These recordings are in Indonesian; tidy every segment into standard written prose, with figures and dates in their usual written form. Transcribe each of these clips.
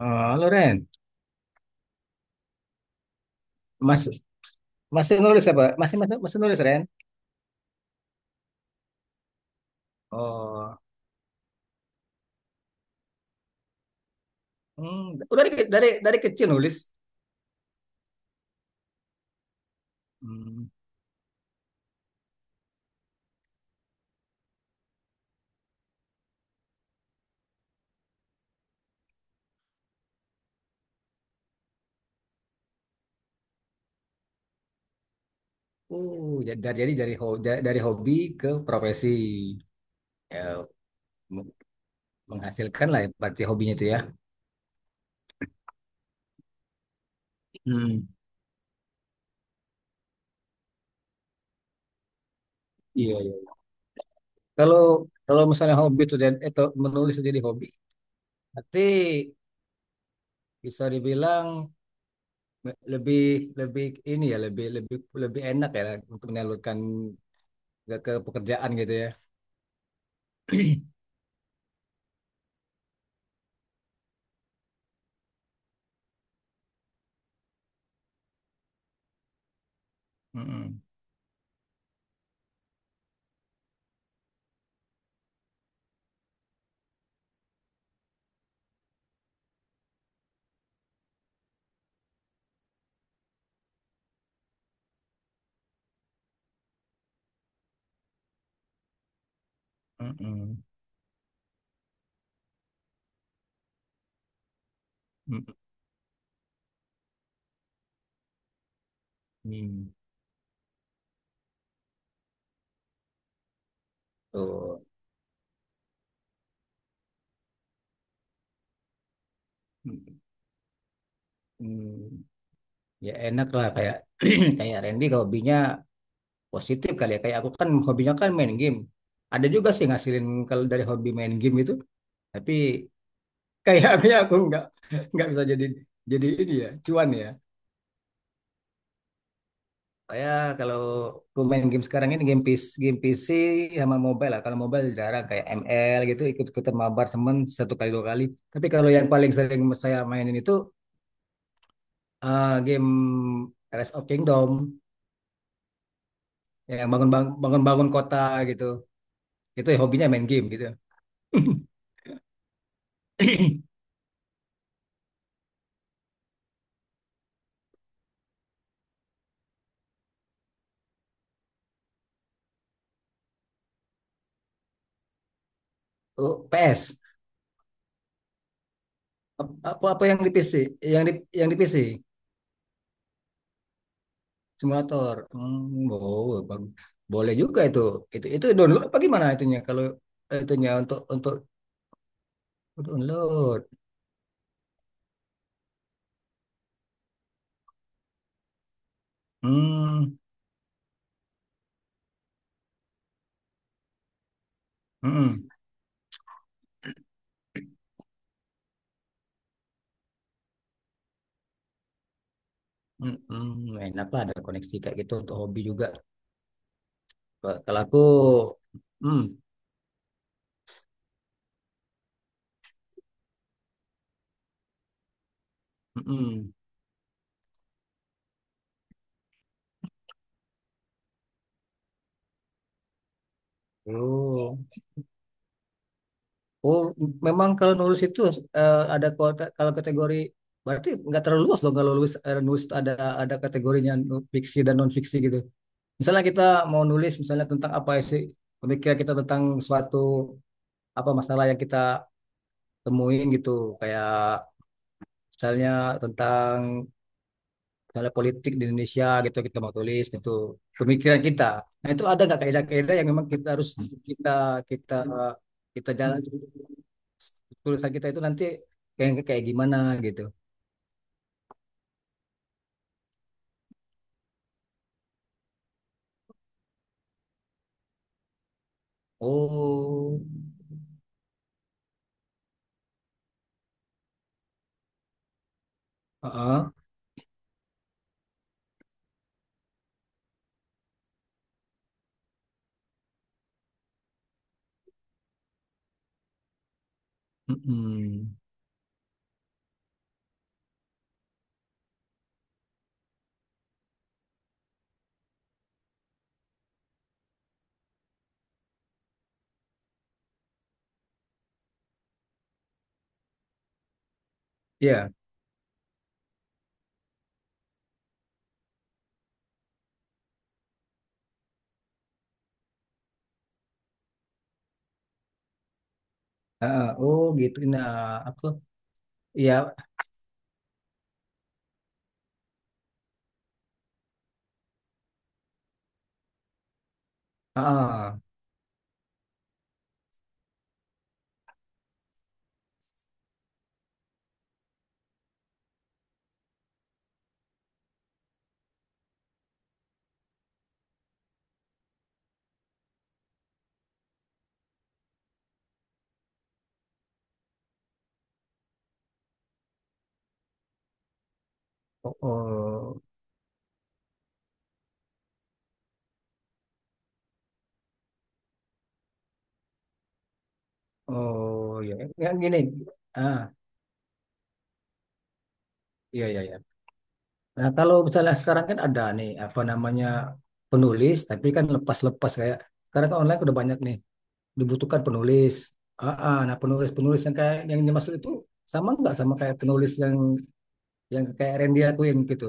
Oh, halo Ren. Mas, masih nulis apa? Masih masih, masih nulis Ren? Oh, hmm, udah dari kecil nulis. Hmm. Jadi dari dari hobi ke profesi ya, m- menghasilkan lah berarti hobinya itu ya. Hmm. Iya, iya. Kalau kalau misalnya hobi itu jadi itu menulis itu jadi hobi, berarti bisa dibilang lebih lebih ini ya lebih lebih lebih enak ya untuk menyalurkan ke pekerjaan gitu ya. Mm-mm. Mm-mm. Mm-mm. Tuh. Mm-mm. Ya enak lah kayak kayak Randy kalau hobinya positif kali ya. Kayak aku kan hobinya kan main game. Ada juga sih ngasilin kalau dari hobi main game itu. Tapi kayak aku ya, aku nggak bisa jadi ini ya cuan ya. Kayak kalau aku main game sekarang ini game PC, game PC sama mobile lah. Kalau mobile jarang kayak ML gitu ikut-ikutan mabar temen satu kali dua kali. Tapi kalau yang paling sering saya mainin itu game Rise of Kingdom yang bangun bangun bangun bangun kota gitu itu ya hobinya main game gitu. Oh, PS, apa apa yang di PC, yang di yang di PC simulator. Hmm, oh, boleh juga itu. Itu download apa gimana itunya kalau itunya untuk download. Hmm, hmm, hmm, hmm, enak lah ada koneksi kayak gitu untuk hobi juga. Kalau aku hmm, hmm, hmm. Oh. Oh, memang kalau nulis itu ada kalau kategori berarti nggak terlalu luas dong kalau nulis, nulis ada kategorinya, fiksi dan non fiksi gitu. Misalnya kita mau nulis misalnya tentang apa sih pemikiran kita tentang suatu apa masalah yang kita temuin gitu, kayak misalnya tentang misalnya politik di Indonesia gitu kita mau tulis gitu pemikiran kita, nah itu ada nggak kaidah-kaidah yang memang kita harus kita kita kita jalan tulisan kita itu nanti kayak kayak gimana gitu. Oh, heeh. Mm-mm. Iya, heeh. Oh gitu. Nah, aku ya, heeh. Oh, oh, oh, ya, ya gini. Ah, iya, iya, iya. Nah, kalau misalnya sekarang kan ada nih apa namanya penulis, tapi kan lepas-lepas kayak sekarang kan online udah banyak nih dibutuhkan penulis. Ah, ah, nah penulis-penulis yang kayak yang dimaksud itu sama nggak sama kayak penulis yang kayak Randy lakuin gitu.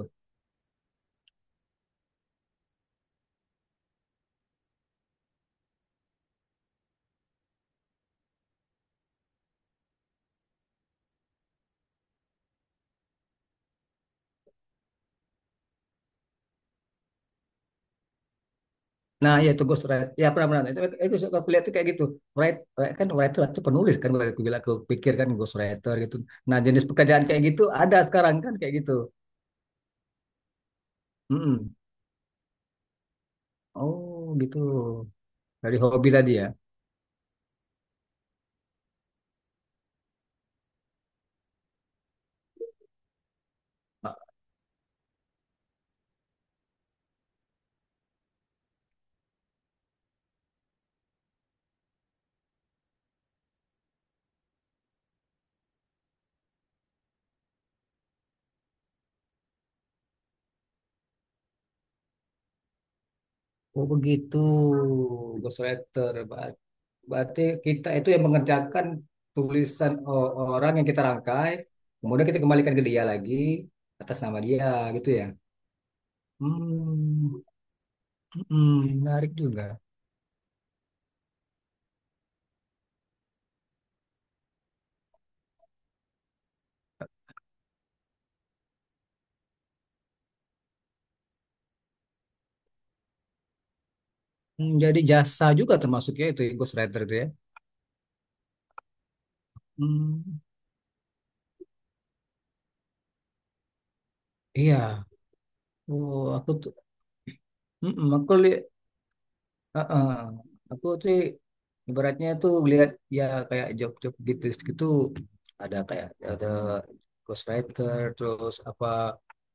Nah, ya itu ghostwriter. Ya, pernah-pernah. Itu suka aku lihat tuh kayak gitu. Write, kan writer itu penulis kan. Aku bilang, aku pikir kan ghostwriter gitu. Nah, jenis pekerjaan kayak gitu ada sekarang kan kayak gitu. Mm-mm. Oh, gitu. Dari hobi tadi ya. Oh, begitu. Ghostwriter. Berarti kita itu yang mengerjakan tulisan orang yang kita rangkai. Kemudian kita kembalikan ke dia lagi atas nama dia gitu ya. Hmm, hmm, menarik juga. Hmm, jadi jasa juga termasuknya itu ya, ghostwriter itu ya. Hmm, iya. Oh, aku tuh, mm-mm, uh-uh. Aku tuh ibaratnya tuh lihat ya kayak job-job gitu gitu ada kayak ada ghostwriter terus apa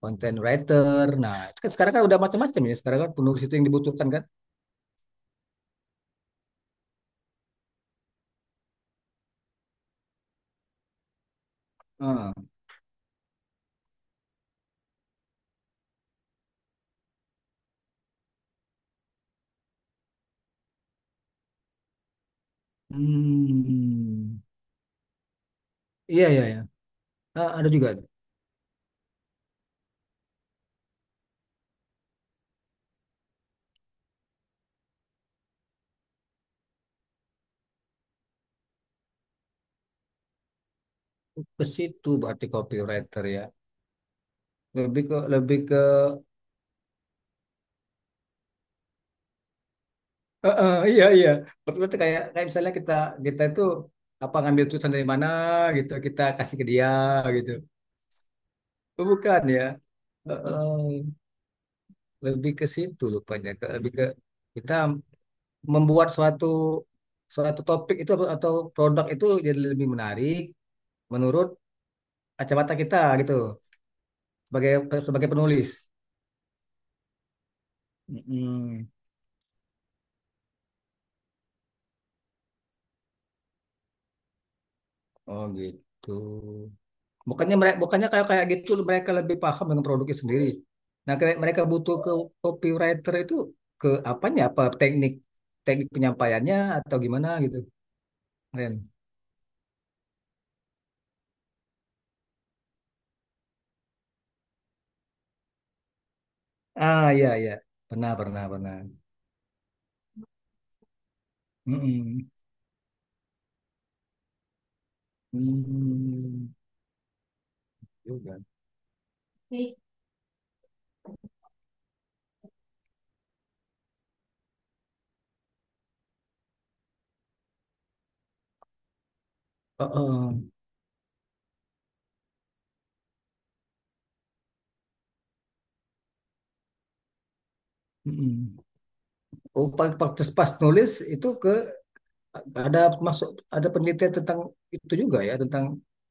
content writer. Nah, itu kan sekarang kan udah macam-macam ya. Sekarang kan penulis itu yang dibutuhkan kan. Ah. Hmm. Iya, iya, iya. Ah, ada juga ke situ berarti copywriter ya. Lebih ke heeh, iya iya. Berarti kayak kayak misalnya kita kita itu apa ngambil tulisan dari mana gitu kita kasih ke dia gitu. Oh, bukan ya. Heeh, lebih ke situ lupanya. Lebih ke kita membuat suatu suatu topik itu atau produk itu jadi lebih menarik menurut kacamata kita gitu sebagai sebagai penulis. Mm-mm. Oh gitu. Bukannya mereka, bukannya kayak kayak gitu mereka lebih paham dengan produknya sendiri. Nah, kayak mereka butuh ke copywriter itu ke apanya? Apa teknik teknik penyampaiannya atau gimana gitu, Ren? Ah, iya iya. Pernah, pernah, pernah. Mm-mm. Hmm. Juga. Uh-uh. Mm-mm. Oh, pas pas- pas nulis itu ke ada masuk, ada penelitian tentang itu juga ya, tentang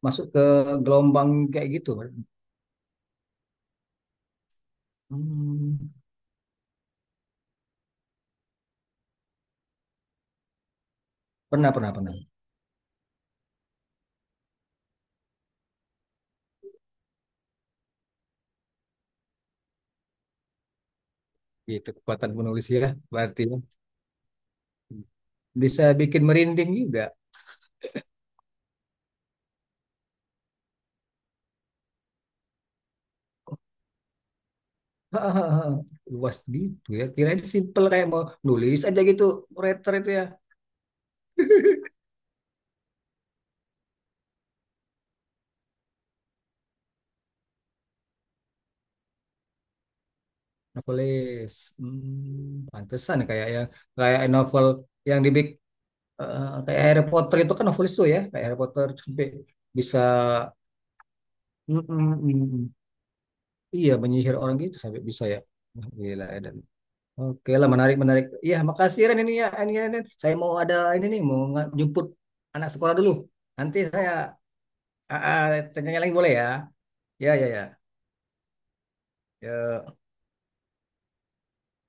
masuk ke gelombang kayak gitu. Hmm. Pernah, pernah, pernah. Gitu, kekuatan penulis ya, berarti ya. Bisa bikin merinding juga. Luas gitu ya. Kirain simpel kayak mau nulis aja gitu, writer itu ya. Novelis, hmm, pantesan kayak yang kayak novel yang dibikin kayak Harry Potter itu kan novelis tuh ya, kayak Harry Potter sampai bisa mm, mm, mm. Iya, menyihir orang gitu sampai bisa ya. Wah, gila ya. Oke lah, menarik menarik. Iya, makasih Ren ini ya, ini, ini. Saya mau ada ini nih, mau jemput anak sekolah dulu. Nanti saya ah, ah, tanya lagi boleh ya? Ya ya ya. Ya.